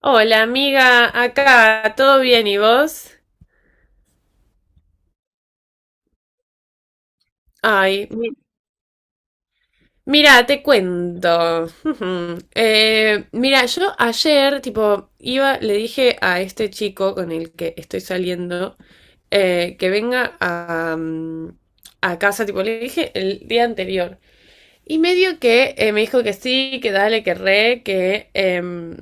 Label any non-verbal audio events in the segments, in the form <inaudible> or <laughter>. Hola amiga, acá, ¿todo bien y vos? Ay, mira, te cuento. <laughs> Ujú. Mira, yo ayer, tipo, iba, le dije a este chico con el que estoy saliendo que venga a, a casa, tipo, le dije el día anterior. Y medio que me dijo que sí, que dale, que re, que,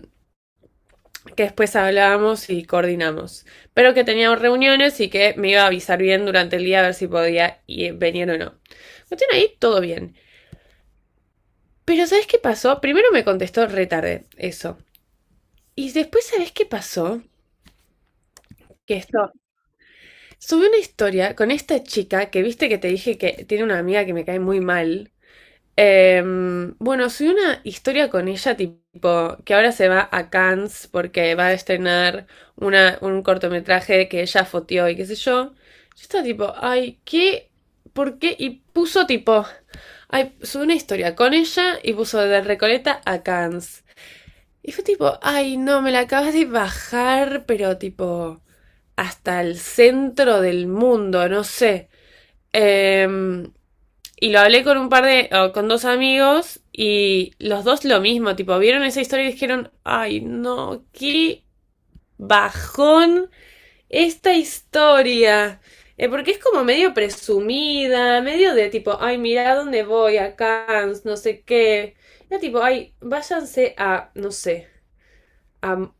que después hablábamos y coordinamos, pero que teníamos reuniones y que me iba a avisar bien durante el día a ver si podía venir o no. Cuestión ahí, todo bien. Pero ¿sabes qué pasó? Primero me contestó retarde, eso. Y después, ¿sabes qué pasó? Que esto, subí una historia con esta chica que viste que te dije que tiene una amiga que me cae muy mal. Bueno, soy una historia con ella, tipo, que ahora se va a Cannes porque va a estrenar un cortometraje que ella foteó y qué sé yo. Yo estaba tipo, ay, ¿qué? ¿Por qué? Y puso tipo, ay, soy una historia con ella y puso de Recoleta a Cannes. Y fue tipo, ay, no, me la acabas de bajar, pero tipo, hasta el centro del mundo, no sé. Em, y lo hablé con un par de, o con dos amigos y los dos lo mismo, tipo, vieron esa historia y dijeron, ay no, qué bajón esta historia. Porque es como medio presumida, medio de tipo, ay, mira dónde voy, a Cannes, no sé qué. Era tipo, ay, váyanse a, no sé, a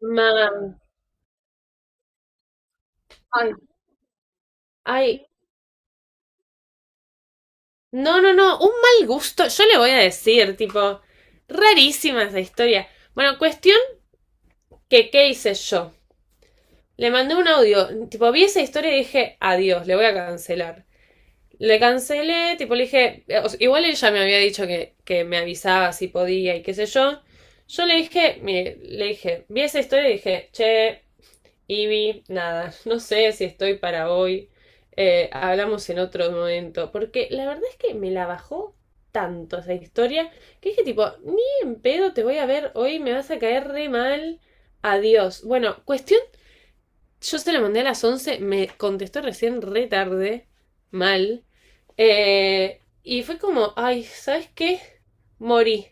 Man. Ay, ay. No, no, no, un mal gusto. Yo le voy a decir, tipo, rarísima esa historia. Bueno, cuestión que, ¿qué hice yo? Le mandé un audio, tipo, vi esa historia y dije, adiós, le voy a cancelar. Le cancelé, tipo, le dije, igual ella me había dicho que me avisaba si podía y qué sé yo. Yo le dije, mire, le dije, vi esa historia y dije, che, Ivy, nada, <laughs> no sé si estoy para hoy, hablamos en otro momento, porque la verdad es que me la bajó tanto esa historia que dije tipo, ni en pedo te voy a ver hoy, me vas a caer re mal, adiós. Bueno, cuestión yo se lo mandé a las 11 me contestó recién re tarde, mal. Y fue como, ay, ¿sabes qué? Morí.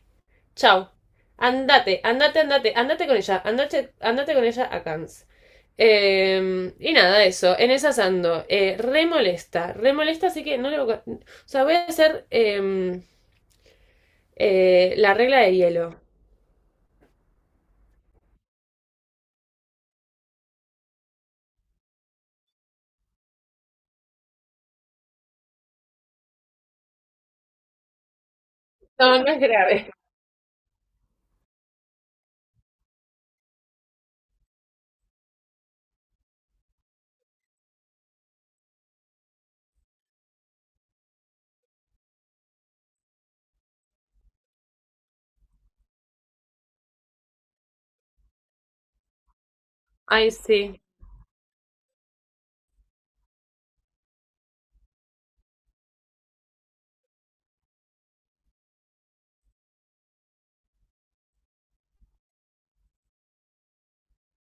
Chao. Andate, andate, andate, andate con ella, andate, andate con ella a Cannes. Y nada, eso, en esas ando. Re molesta, así que no le voy a... O sea, voy a hacer la regla de hielo. No, no es grave. Ay, sí.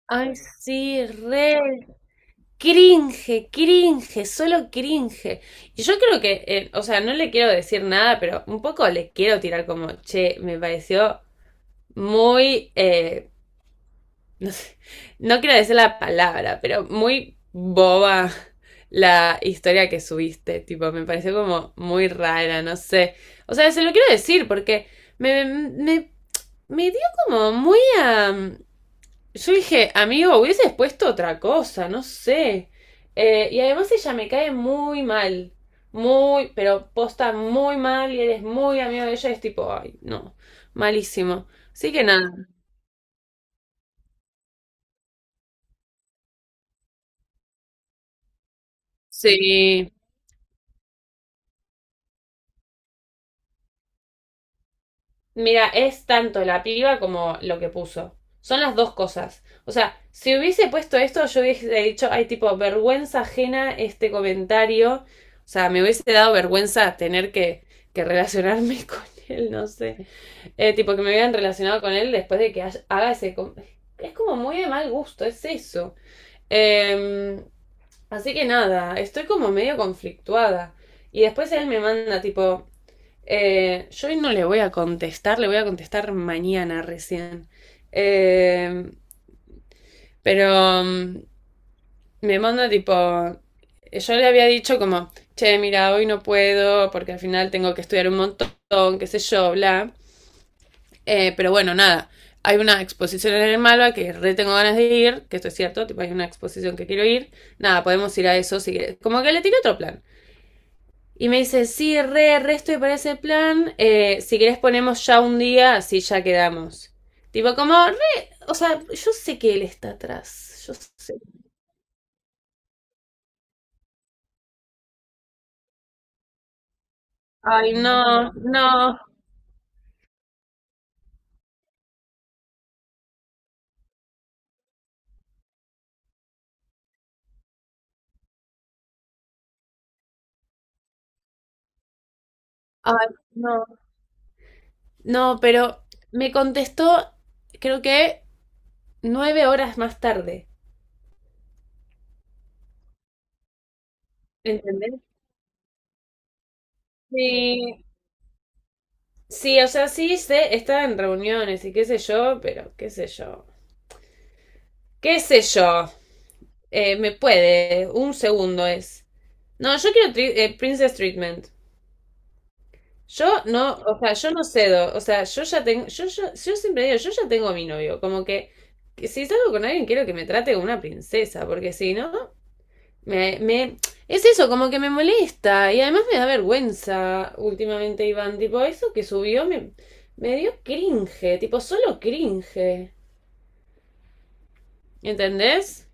Ay, sí, re. Cringe, cringe, solo cringe. Y yo creo que, o sea, no le quiero decir nada, pero un poco le quiero tirar como, che, me pareció muy, no sé, no quiero decir la palabra, pero muy boba la historia que subiste, tipo, me pareció como muy rara, no sé. O sea, se lo quiero decir porque me, me, me dio como muy a... Yo dije, amigo, hubieses puesto otra cosa, no sé. Y además ella me cae muy mal. Muy, pero posta muy mal y eres muy amigo de ella. Es tipo, ay, no, malísimo. Así que nada, sí. Mira, es tanto la piba como lo que puso. Son las dos cosas. O sea, si hubiese puesto esto, yo hubiese dicho, ay, tipo, vergüenza ajena este comentario. O sea, me hubiese dado vergüenza tener que relacionarme <laughs> con él, no sé. Tipo, que me hubieran relacionado con él después de que haga ese... com- Es como muy de mal gusto, es eso. Eh, así que nada, estoy como medio conflictuada. Y después él me manda, tipo, yo hoy no le voy a contestar, le voy a contestar mañana recién. Eh, pero me manda tipo, yo le había dicho como, che, mira, hoy no puedo porque al final tengo que estudiar un montón, qué sé yo, bla. Pero bueno, nada, hay una exposición en el Malva que re tengo ganas de ir, que esto es cierto, tipo, hay una exposición que quiero ir. Nada, podemos ir a eso si querés. Como que le tiré otro plan. Y me dice, sí, re, re estoy para ese plan. Eh, si querés ponemos ya un día, así ya quedamos. Tipo, como re, o sea, yo sé que él está atrás. Yo sé. Ay, no, no, ay, no. No, pero me contestó, creo que 9 horas más tarde. ¿Entendés? Sí, sí, o sea, sí, sé, estaba en reuniones y qué sé yo, pero qué sé yo. ¿Qué sé yo? Me puede, un segundo es. No, yo quiero Princess Treatment. Yo no, o sea, yo no cedo. O sea, yo ya tengo, yo siempre digo, yo ya tengo a mi novio. Como que si salgo con alguien, quiero que me trate como una princesa, porque si no, me, me, es eso, como que me molesta. Y además me da vergüenza últimamente, Iván. Tipo, eso que subió me, me dio cringe, tipo, solo cringe. ¿Entendés?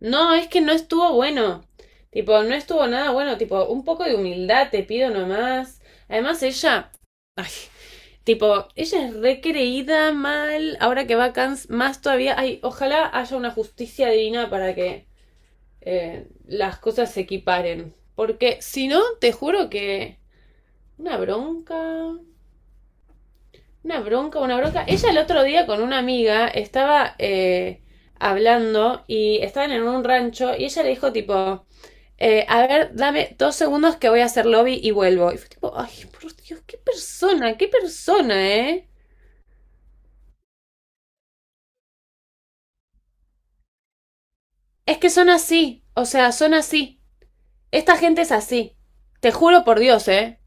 No, es que no estuvo bueno. Tipo, no estuvo nada bueno. Tipo, un poco de humildad te pido nomás. Además, ella. Ay, tipo, ella es recreída mal. Ahora que va a Cannes, más todavía. Ay, ojalá haya una justicia divina para que las cosas se equiparen. Porque si no, te juro que. Una bronca. Una bronca, una bronca. Ella el otro día con una amiga estaba hablando y estaban en un rancho y ella le dijo, tipo a ver, dame 2 segundos que voy a hacer lobby y vuelvo. Y fue tipo, ay, por Dios, qué persona, ¿eh? Es que son así, o sea, son así. Esta gente es así. Te juro por Dios, ¿eh?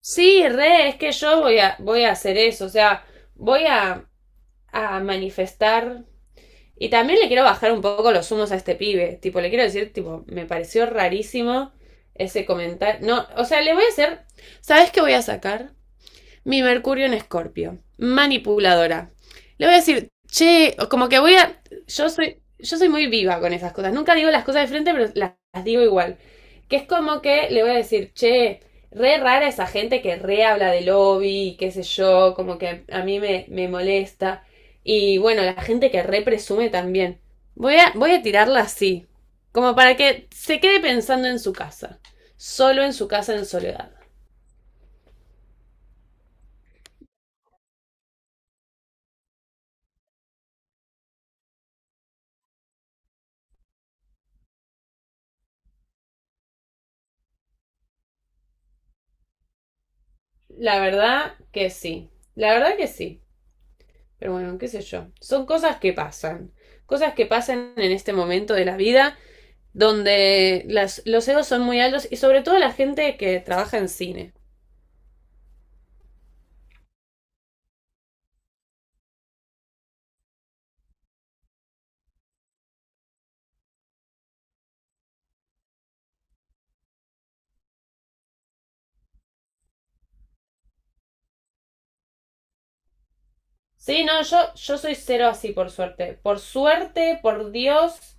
Sí, re, es que yo voy a, voy a hacer eso, o sea, voy a manifestar. Y también le quiero bajar un poco los humos a este pibe. Tipo, le quiero decir, tipo, me pareció rarísimo ese comentario. No, o sea, le voy a hacer. ¿Sabes qué voy a sacar? Mi Mercurio en Escorpio. Manipuladora. Le voy a decir, che, como que voy a. Yo soy muy viva con esas cosas. Nunca digo las cosas de frente, pero las digo igual. Que es como que le voy a decir, che, re rara esa gente que re habla de lobby, qué sé yo, como que a me molesta. Y bueno, la gente que re presume también. Voy a, voy a tirarla así, como para que se quede pensando en su casa, solo en su casa en soledad. La verdad que sí. La verdad que sí. Pero bueno, qué sé yo. Son cosas que pasan. Cosas que pasan en este momento de la vida donde los egos son muy altos y sobre todo la gente que trabaja en cine. Sí, no, yo soy cero así, por suerte. Por suerte, por Dios,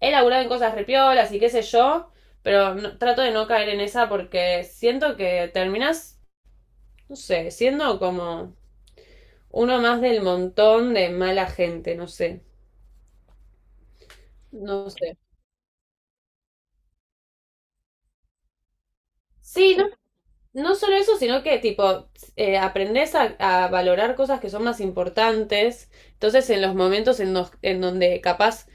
he laburado en cosas repiolas y qué sé yo, pero trato de no caer en esa porque siento que terminas, no sé, siendo como uno más del montón de mala gente, no sé. No sé. Sí, no, no solo eso, sino que tipo, aprendes a valorar cosas que son más importantes. Entonces, en los momentos en donde capaz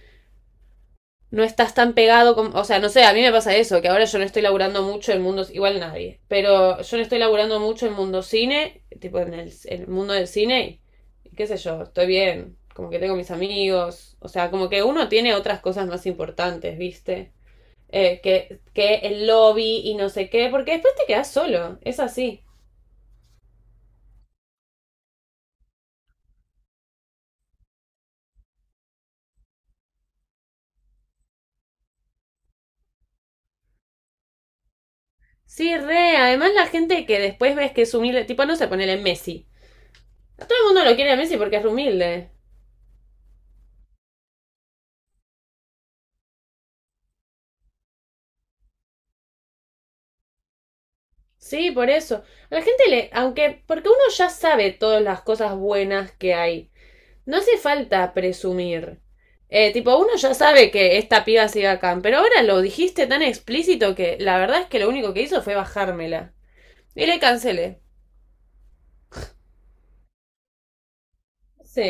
no estás tan pegado, o sea, no sé, a mí me pasa eso, que ahora yo no estoy laburando mucho en mundos, igual nadie, pero yo no estoy laburando mucho en mundo cine, tipo en el mundo del cine, y qué sé yo, estoy bien, como que tengo mis amigos, o sea, como que uno tiene otras cosas más importantes, ¿viste? Eh, que el lobby y no sé qué, porque después te quedas solo, es así. Sí, re, además la gente que después ves que es humilde, tipo no se pone en Messi. Todo el mundo lo quiere a Messi porque es humilde. Sí, por eso. A la gente le, aunque, porque uno ya sabe todas las cosas buenas que hay. No hace falta presumir. Tipo, uno ya sabe que esta piba sigue acá, pero ahora lo dijiste tan explícito que la verdad es que lo único que hizo fue bajármela. Y le cancelé. Sí.